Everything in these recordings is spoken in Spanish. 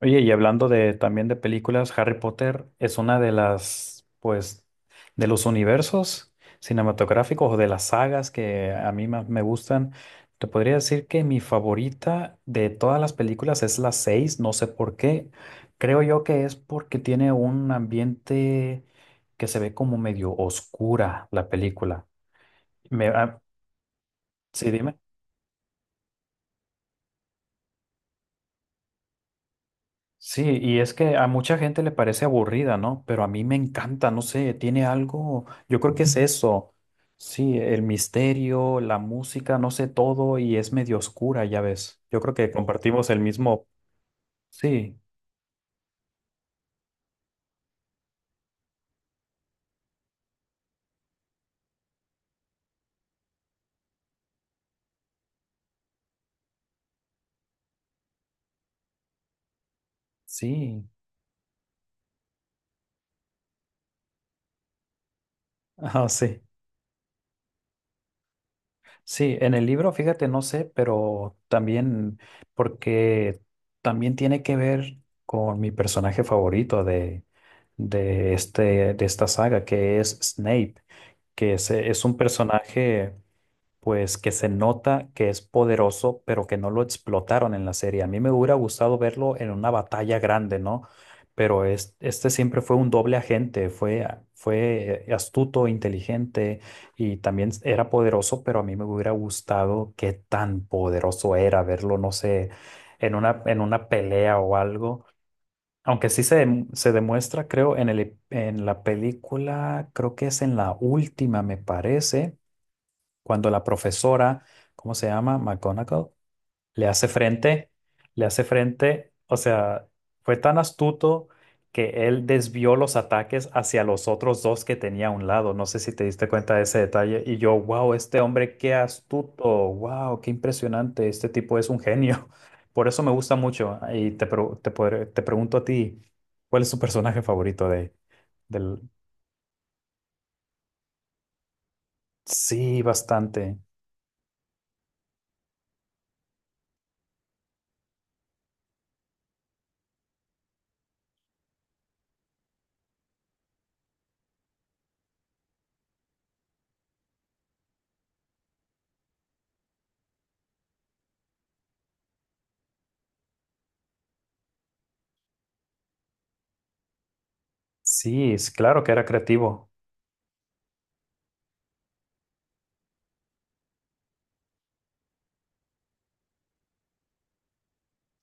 Oye, y hablando de también de películas, Harry Potter es una de las, pues, de los universos cinematográficos o de las sagas que a mí más me gustan. Te podría decir que mi favorita de todas las películas es la 6. No sé por qué. Creo yo que es porque tiene un ambiente que se ve como medio oscura la película. Me, ah, sí, dime. Sí, y es que a mucha gente le parece aburrida, ¿no? Pero a mí me encanta, no sé, tiene algo, yo creo que es eso, sí, el misterio, la música, no sé, todo, y es medio oscura, ya ves. Yo creo que compartimos el mismo, sí, sí, ah, sí, sí, en el libro, fíjate, no sé, pero también, porque también tiene que ver con mi personaje favorito de esta saga, que es Snape. Es un personaje pues que se nota que es poderoso, pero que no lo explotaron en la serie. A mí me hubiera gustado verlo en una batalla grande, ¿no? Pero este siempre fue un doble agente, fue astuto, inteligente y también era poderoso, pero a mí me hubiera gustado qué tan poderoso era verlo, no sé, en una pelea o algo. Aunque sí se demuestra, creo, en en la película, creo que es en la última, me parece, cuando la profesora, ¿cómo se llama? McGonagall le hace frente, le hace frente, o sea, fue tan astuto que él desvió los ataques hacia los otros dos que tenía a un lado. No sé si te diste cuenta de ese detalle. Y yo, wow, este hombre, qué astuto, wow, qué impresionante, este tipo es un genio. Por eso me gusta mucho. Ah, y te pregunto a ti, ¿cuál es tu personaje favorito del... Sí, bastante. Sí, es claro que era creativo.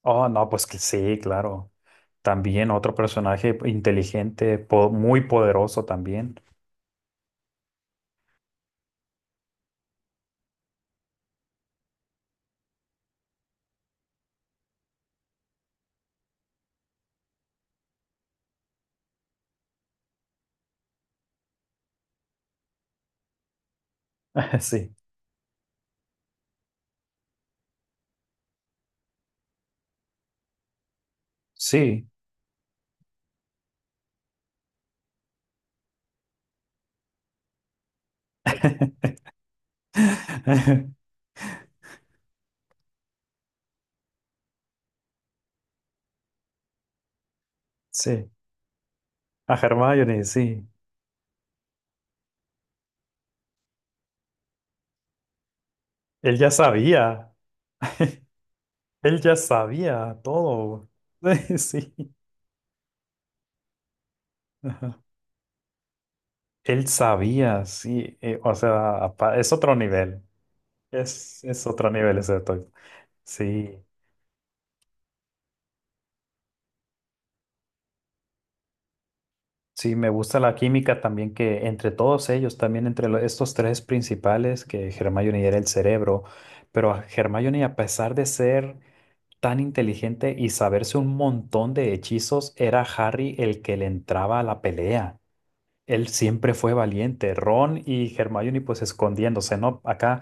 Oh, no, pues que sí, claro. También otro personaje inteligente, muy poderoso también. Sí, sí. Sí. A Hermione, sí. Él ya sabía. Él ya sabía todo. Sí. Ajá. Él sabía, sí. O sea, es otro nivel. Es otro nivel ese actor. Sí. Sí, me gusta la química también que entre todos ellos, también entre estos tres principales, que Hermione era el cerebro, pero a Hermione a pesar de ser tan inteligente y saberse un montón de hechizos, era Harry el que le entraba a la pelea. Él siempre fue valiente, Ron y Hermione pues escondiéndose, ¿no? Acá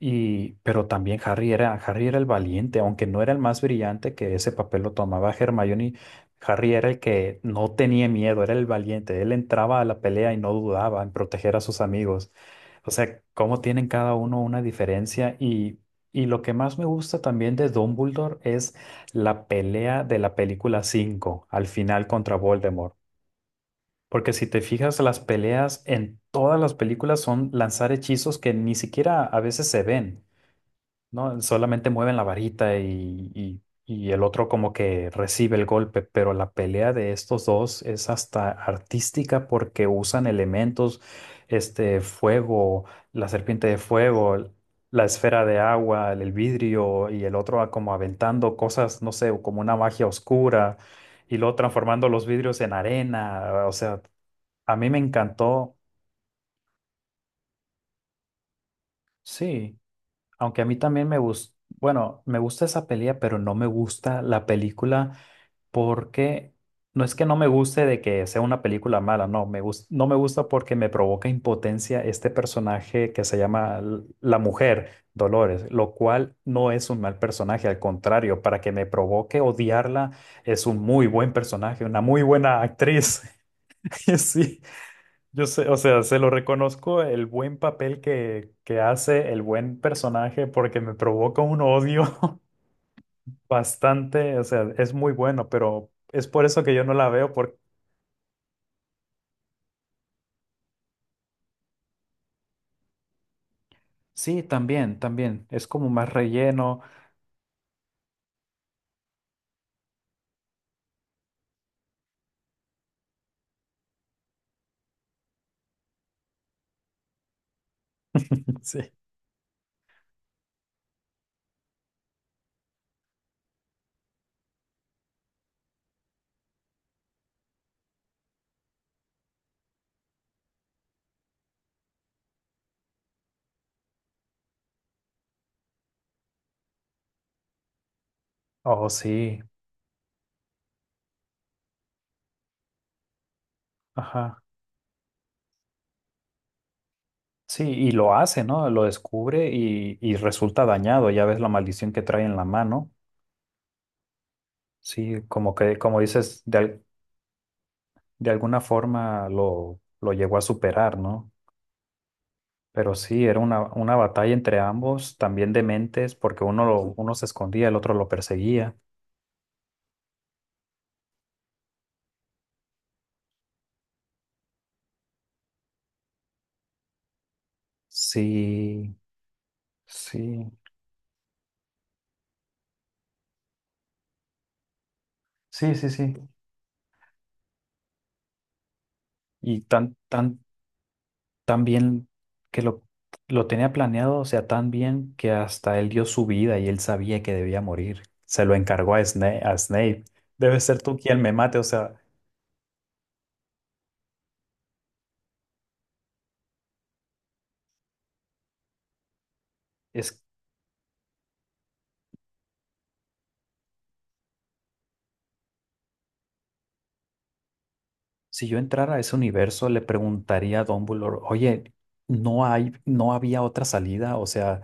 y, pero también Harry era el valiente, aunque no era el más brillante que ese papel lo tomaba Hermione. Harry era el que no tenía miedo, era el valiente. Él entraba a la pelea y no dudaba en proteger a sus amigos. O sea, cómo tienen cada uno una diferencia. Y lo que más me gusta también de Dumbledore es la pelea de la película 5 al final contra Voldemort. Porque si te fijas, las peleas en todas las películas son lanzar hechizos que ni siquiera a veces se ven. No, solamente mueven la varita y el otro como que recibe el golpe, pero la pelea de estos dos es hasta artística porque usan elementos, este fuego, la serpiente de fuego, la esfera de agua, el vidrio y el otro como aventando cosas, no sé, como una magia oscura y luego transformando los vidrios en arena. O sea, a mí me encantó, sí. Aunque a mí también me gusta, bueno, me gusta esa pelea, pero no me gusta la película porque no es que no me guste de que sea una película mala, no, no me gusta porque me provoca impotencia este personaje que se llama la mujer, Dolores, lo cual no es un mal personaje, al contrario, para que me provoque odiarla, es un muy buen personaje, una muy buena actriz. Sí. Yo sé, o sea, se lo reconozco el buen papel que hace, el buen personaje, porque me provoca un odio bastante, o sea, es muy bueno, pero es por eso que yo no la veo, porque sí, también, también, es como más relleno. Sí. Oh, sí, ajá. Sí, y lo hace, ¿no? Lo descubre y resulta dañado, ya ves la maldición que trae en la mano. Sí, como que, como dices, de alguna forma lo llegó a superar, ¿no? Pero sí, era una batalla entre ambos, también de mentes, porque uno se escondía, el otro lo perseguía. Sí, sí, sí, sí, sí. Y tan bien que lo tenía planeado, o sea, tan bien que hasta él dio su vida y él sabía que debía morir. Se lo encargó a a Snape. Debe ser tú quien me mate. O sea, es, si yo entrara a ese universo, le preguntaría a Dumbledore, oye, no había otra salida, o sea.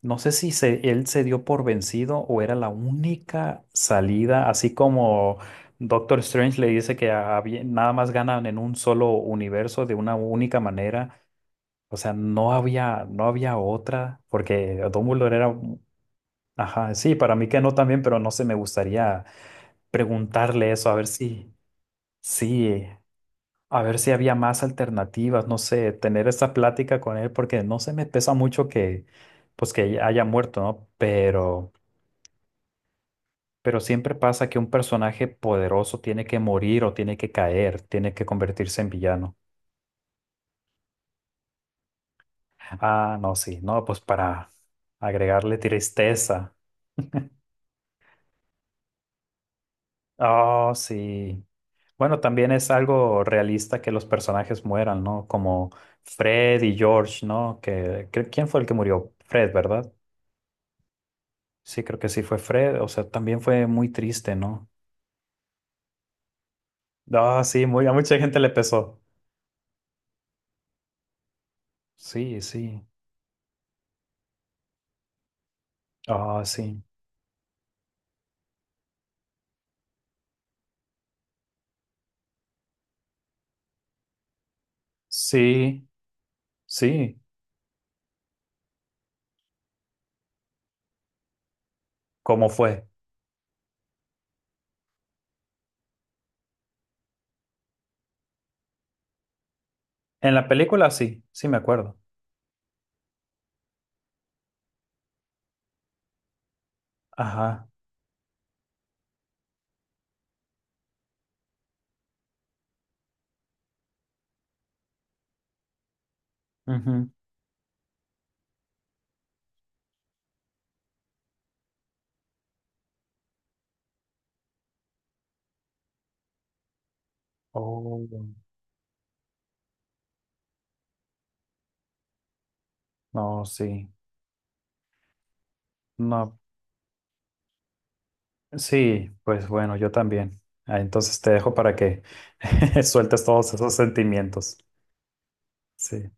No sé si él se dio por vencido o era la única salida, así como Doctor Strange le dice que había- nada más ganan en un solo universo de una única manera. O sea, no había otra, porque Dumbledore era, un- ajá, sí, para mí que no también, pero no sé, me gustaría preguntarle eso, a ver si, sí, a ver si había más alternativas, no sé, tener esa plática con él, porque no se me pesa mucho que, pues que haya muerto, ¿no? Pero siempre pasa que un personaje poderoso tiene que morir o tiene que caer, tiene que convertirse en villano. Ah, no, sí, no, pues para agregarle tristeza. Oh, sí. Bueno, también es algo realista que los personajes mueran, ¿no? Como Fred y George, ¿no? Que, ¿quién fue el que murió? Fred, ¿verdad? Sí, creo que sí fue Fred. O sea, también fue muy triste, ¿no? Ah, sí, muy, a mucha gente le pesó. Sí, sí. Ah, sí. Sí, sí. ¿Cómo fue? En la película sí, sí me acuerdo. Ajá. Ujú. Oh, no, sí. No, sí, pues bueno, yo también. Ah, entonces te dejo para que sueltes todos esos sentimientos. Sí.